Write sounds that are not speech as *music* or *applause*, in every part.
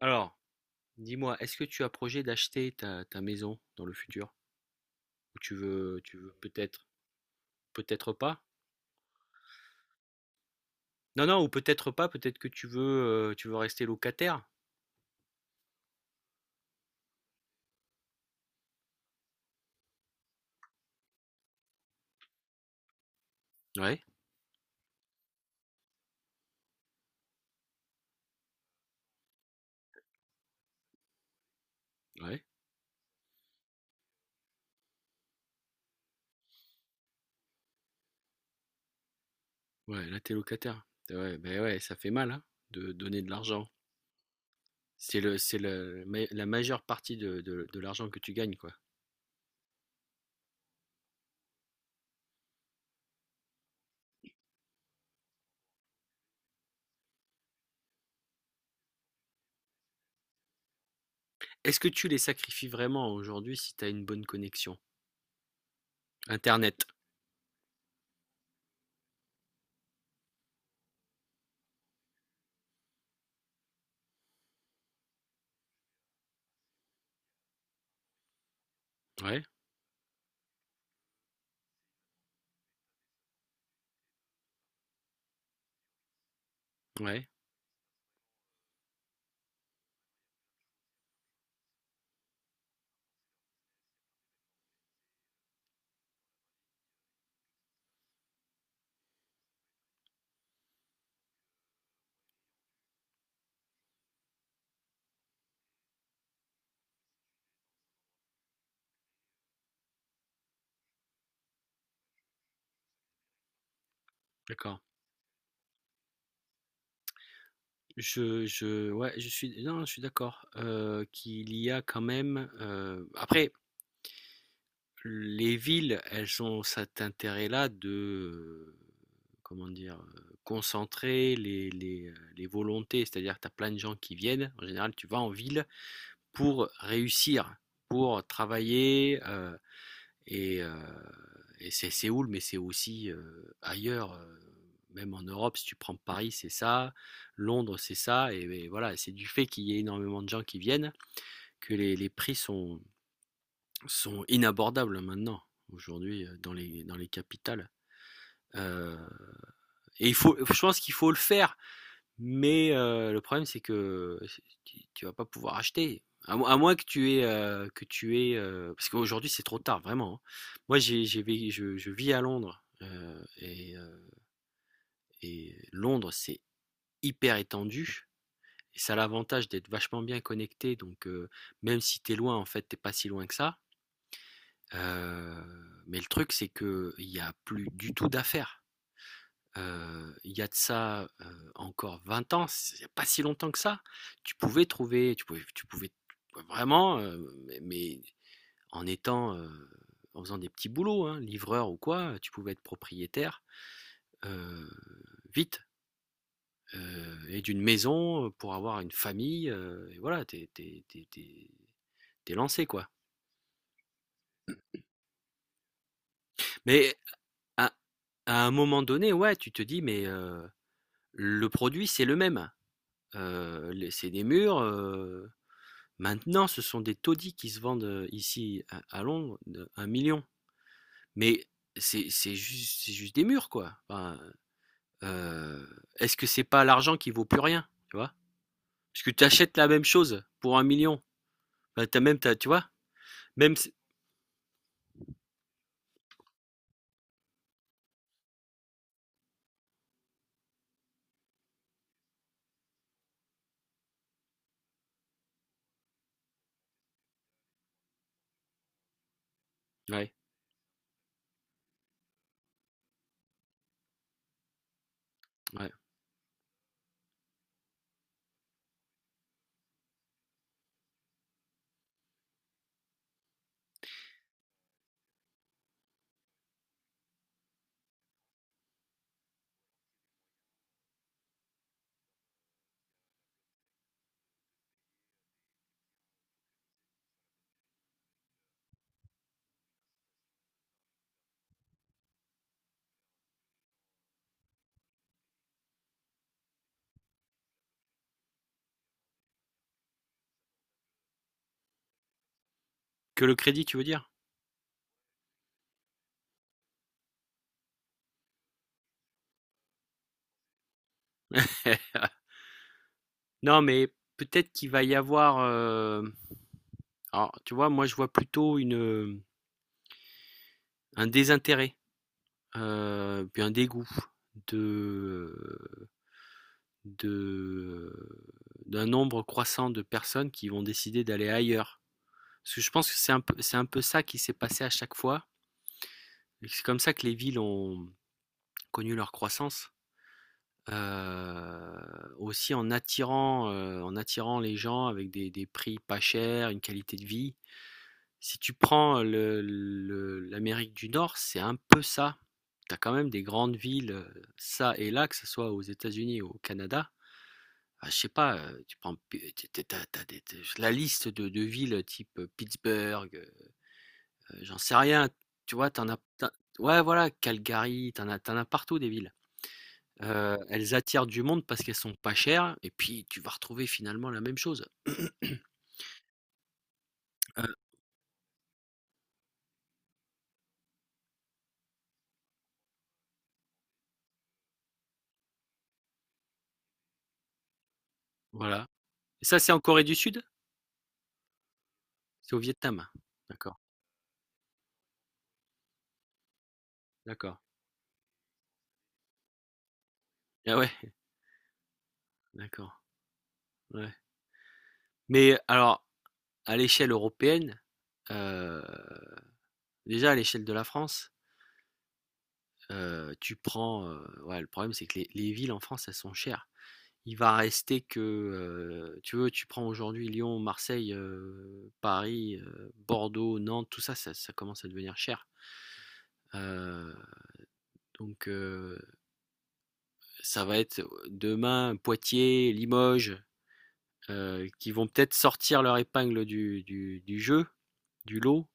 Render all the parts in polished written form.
Alors, dis-moi, est-ce que tu as projet d'acheter ta maison dans le futur? Ou tu veux peut-être, peut-être pas? Non, non, ou peut-être pas, peut-être que tu veux rester locataire. Ouais, ouais, ouais, là t'es locataire. Ah ouais, ben ouais, ça fait mal, hein, de donner de l'argent. C'est la majeure partie de, de l'argent que tu gagnes, quoi. Est-ce que tu les sacrifies vraiment aujourd'hui si tu as une bonne connexion? Internet. Ouais, ouais, d'accord. Je ouais, je suis, non, je suis d'accord, qu'il y a quand même, après les villes, elles ont cet intérêt-là de, comment dire? Concentrer les volontés. C'est-à-dire que tu as plein de gens qui viennent. En général, tu vas en ville pour réussir, pour travailler, et, euh, et c'est Séoul, mais c'est aussi ailleurs, même en Europe, si tu prends Paris, c'est ça, Londres, c'est ça, et voilà, c'est du fait qu'il y ait énormément de gens qui viennent que les prix sont inabordables maintenant, aujourd'hui, dans les capitales. Euh, et il faut, je pense qu'il faut le faire, mais le problème, c'est que tu vas pas pouvoir acheter. À moins que tu aies, parce qu'aujourd'hui, c'est trop tard, vraiment, hein. Moi, j'ai vé je vis à Londres, et Londres, c'est hyper étendu et ça a l'avantage d'être vachement bien connecté, donc même si tu es loin, en fait, t'es pas si loin que ça. Heu, mais le truc, c'est que il y a plus du tout d'affaires. Il y a de ça, encore 20 ans, il y a pas si longtemps que ça, tu pouvais trouver tu pouvais vraiment, mais en étant, heu, en faisant des petits boulots, hein, livreur ou quoi, tu pouvais être propriétaire, heu, vite, et d'une maison, pour avoir une famille, et voilà, t'es, t'es, t'es, t'es tu lancé, quoi. Mais à à un moment donné, ouais, tu te dis: «Mais, le produit, c'est le même, les c'est des murs, maintenant, ce sont des taudis qui se vendent ici à Londres, 1 million. Mais c'est juste des murs, quoi. Enfin, euh, est-ce que c'est pas l'argent qui vaut plus rien, tu vois? Parce que tu achètes la même chose pour 1 million. Enfin, t'as même, tu vois. Même, si- Ouais, ouais. Que le crédit, tu veux dire? *laughs* Non, mais peut-être qu'il va y avoir, alors, tu vois, moi, je vois plutôt une un désintérêt, puis un dégoût de de euh, d'un nombre croissant de personnes qui vont décider d'aller ailleurs. Parce que je pense que c'est un peu ça qui s'est passé à chaque fois. Et c'est comme ça que les villes ont connu leur croissance. Euh, Aussi en attirant les gens avec des prix pas chers, une qualité de vie. Si tu prends l'Amérique du Nord, c'est un peu ça. Tu as quand même des grandes villes, ça et là, que ce soit aux États-Unis ou au Canada. Ah, je sais pas, tu prends p tu tu tu as des la liste de villes type, Pittsburgh, j'en sais rien, tu vois? T'en as tu ouais, voilà, Calgary, t'en as partout des villes. Elles attirent du monde parce qu'elles sont pas chères et puis tu vas retrouver finalement la même chose. *clears throat* Heu, voilà. Et ça, c'est en Corée du Sud? C'est au Vietnam? D'accord, d'accord. Ah ouais, d'accord, ouais. Mais alors, à l'échelle européenne, heu, déjà à l'échelle de la France. Tu prends, ouais, le problème, c'est que les villes en France, elles sont chères. Il va rester que, tu prends aujourd'hui Lyon, Marseille, Paris, Bordeaux, Nantes, tout ça, ça commence à devenir cher. Heu, donc heu, Ça va être, demain, Poitiers, Limoges, qui vont peut-être sortir leur épingle du jeu, du lot.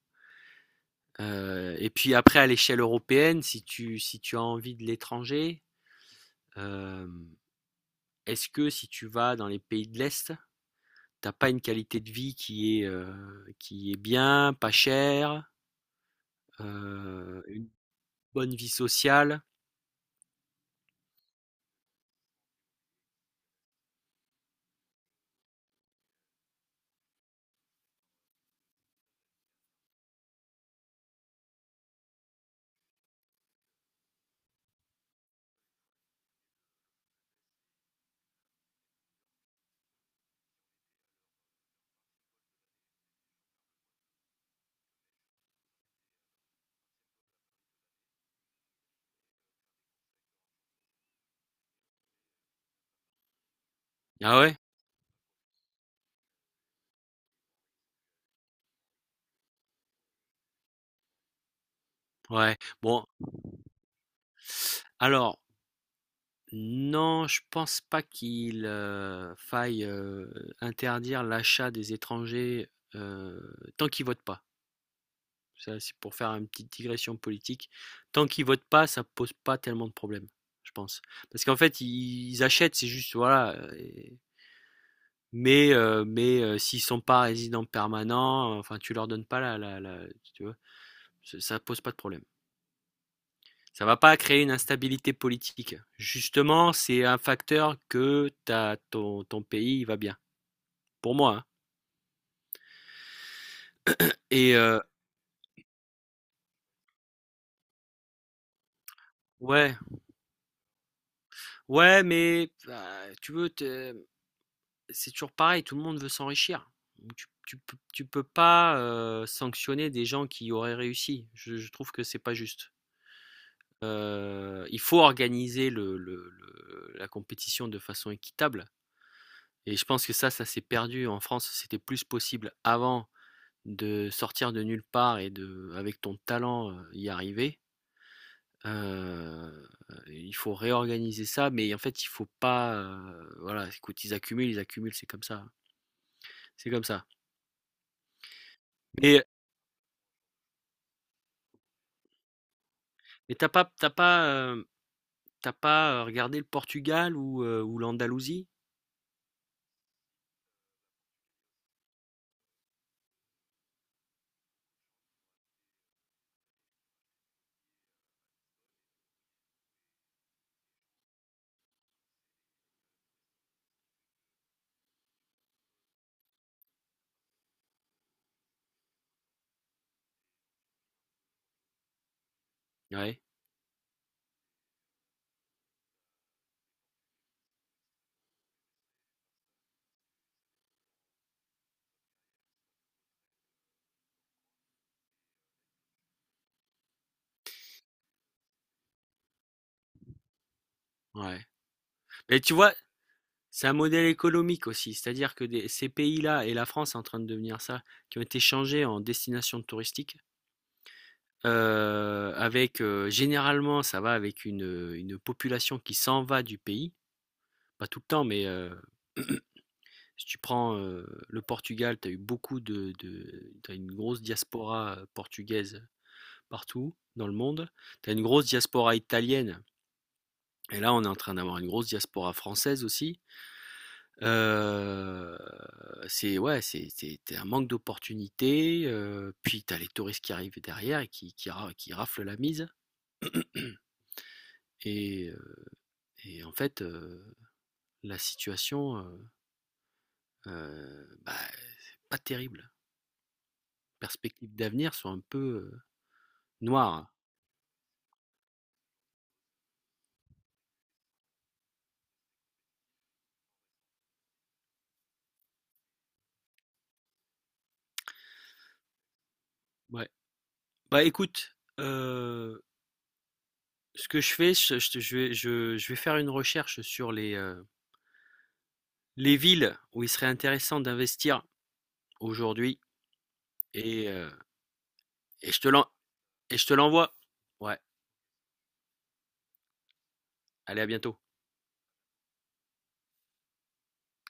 Et puis après à l'échelle européenne, si tu as envie de l'étranger, hem est-ce que si tu vas dans les pays de l'Est, t'as pas une qualité de vie qui est bien, pas chère, une bonne vie sociale? Ah ouais? Ouais. Bon, alors non, je pense pas qu'il, faille, interdire l'achat des étrangers, tant qu'ils votent pas. Ça, c'est pour faire une petite digression politique. Tant qu'ils votent pas, ça pose pas tellement de problèmes, je pense. Parce qu'en fait, ils achètent, c'est juste, voilà. Mais s'ils sont pas résidents permanents, enfin, tu leur donnes pas tu vois, ça pose pas de problème. Ça va pas créer une instabilité politique. Justement, c'est un facteur que t'as, ton pays il va bien. Pour moi, hein. Et euh, ouais, ouais, mais bah, tu veux, c'est toujours pareil. Tout le monde veut s'enrichir. Donc, tu peux pas sanctionner des gens qui auraient réussi. Je trouve que c'est pas juste. Il faut organiser la compétition de façon équitable. Et je pense que ça s'est perdu. En France, c'était plus possible avant de sortir de nulle part et avec ton talent, y arriver. Euh, il faut réorganiser ça, mais en fait, il faut pas. Voilà, écoute, ils accumulent, c'est comme ça, c'est comme ça. Mais, mais t'as pas regardé le Portugal ou l'Andalousie? Ouais, ouais. Mais tu vois, c'est un modèle économique aussi, c'est-à-dire que ces pays-là, et la France est en train de devenir ça, qui ont été changés en destination touristique, avec généralement ça va avec une population qui s'en va du pays, pas tout le temps, mais si tu prends le Portugal, tu as eu beaucoup t'as une grosse diaspora portugaise partout dans le monde, tu as une grosse diaspora italienne, et là on est en train d'avoir une grosse diaspora française aussi. Heu, c'est ouais, c'est tu un manque d'opportunités, puis t'as les touristes qui arrivent derrière et qui raflent la mise. *clears throat* Et en fait, la situation, bah, c'est pas terrible. Perspectives d'avenir sont un peu, heu, noires. Ouais. Bah, écoute, heu, ce que je fais, je vais faire une recherche sur les villes où il serait intéressant d'investir aujourd'hui. et heu et je te l'en Et je te l'envoie. Ouais, allez, à bientôt.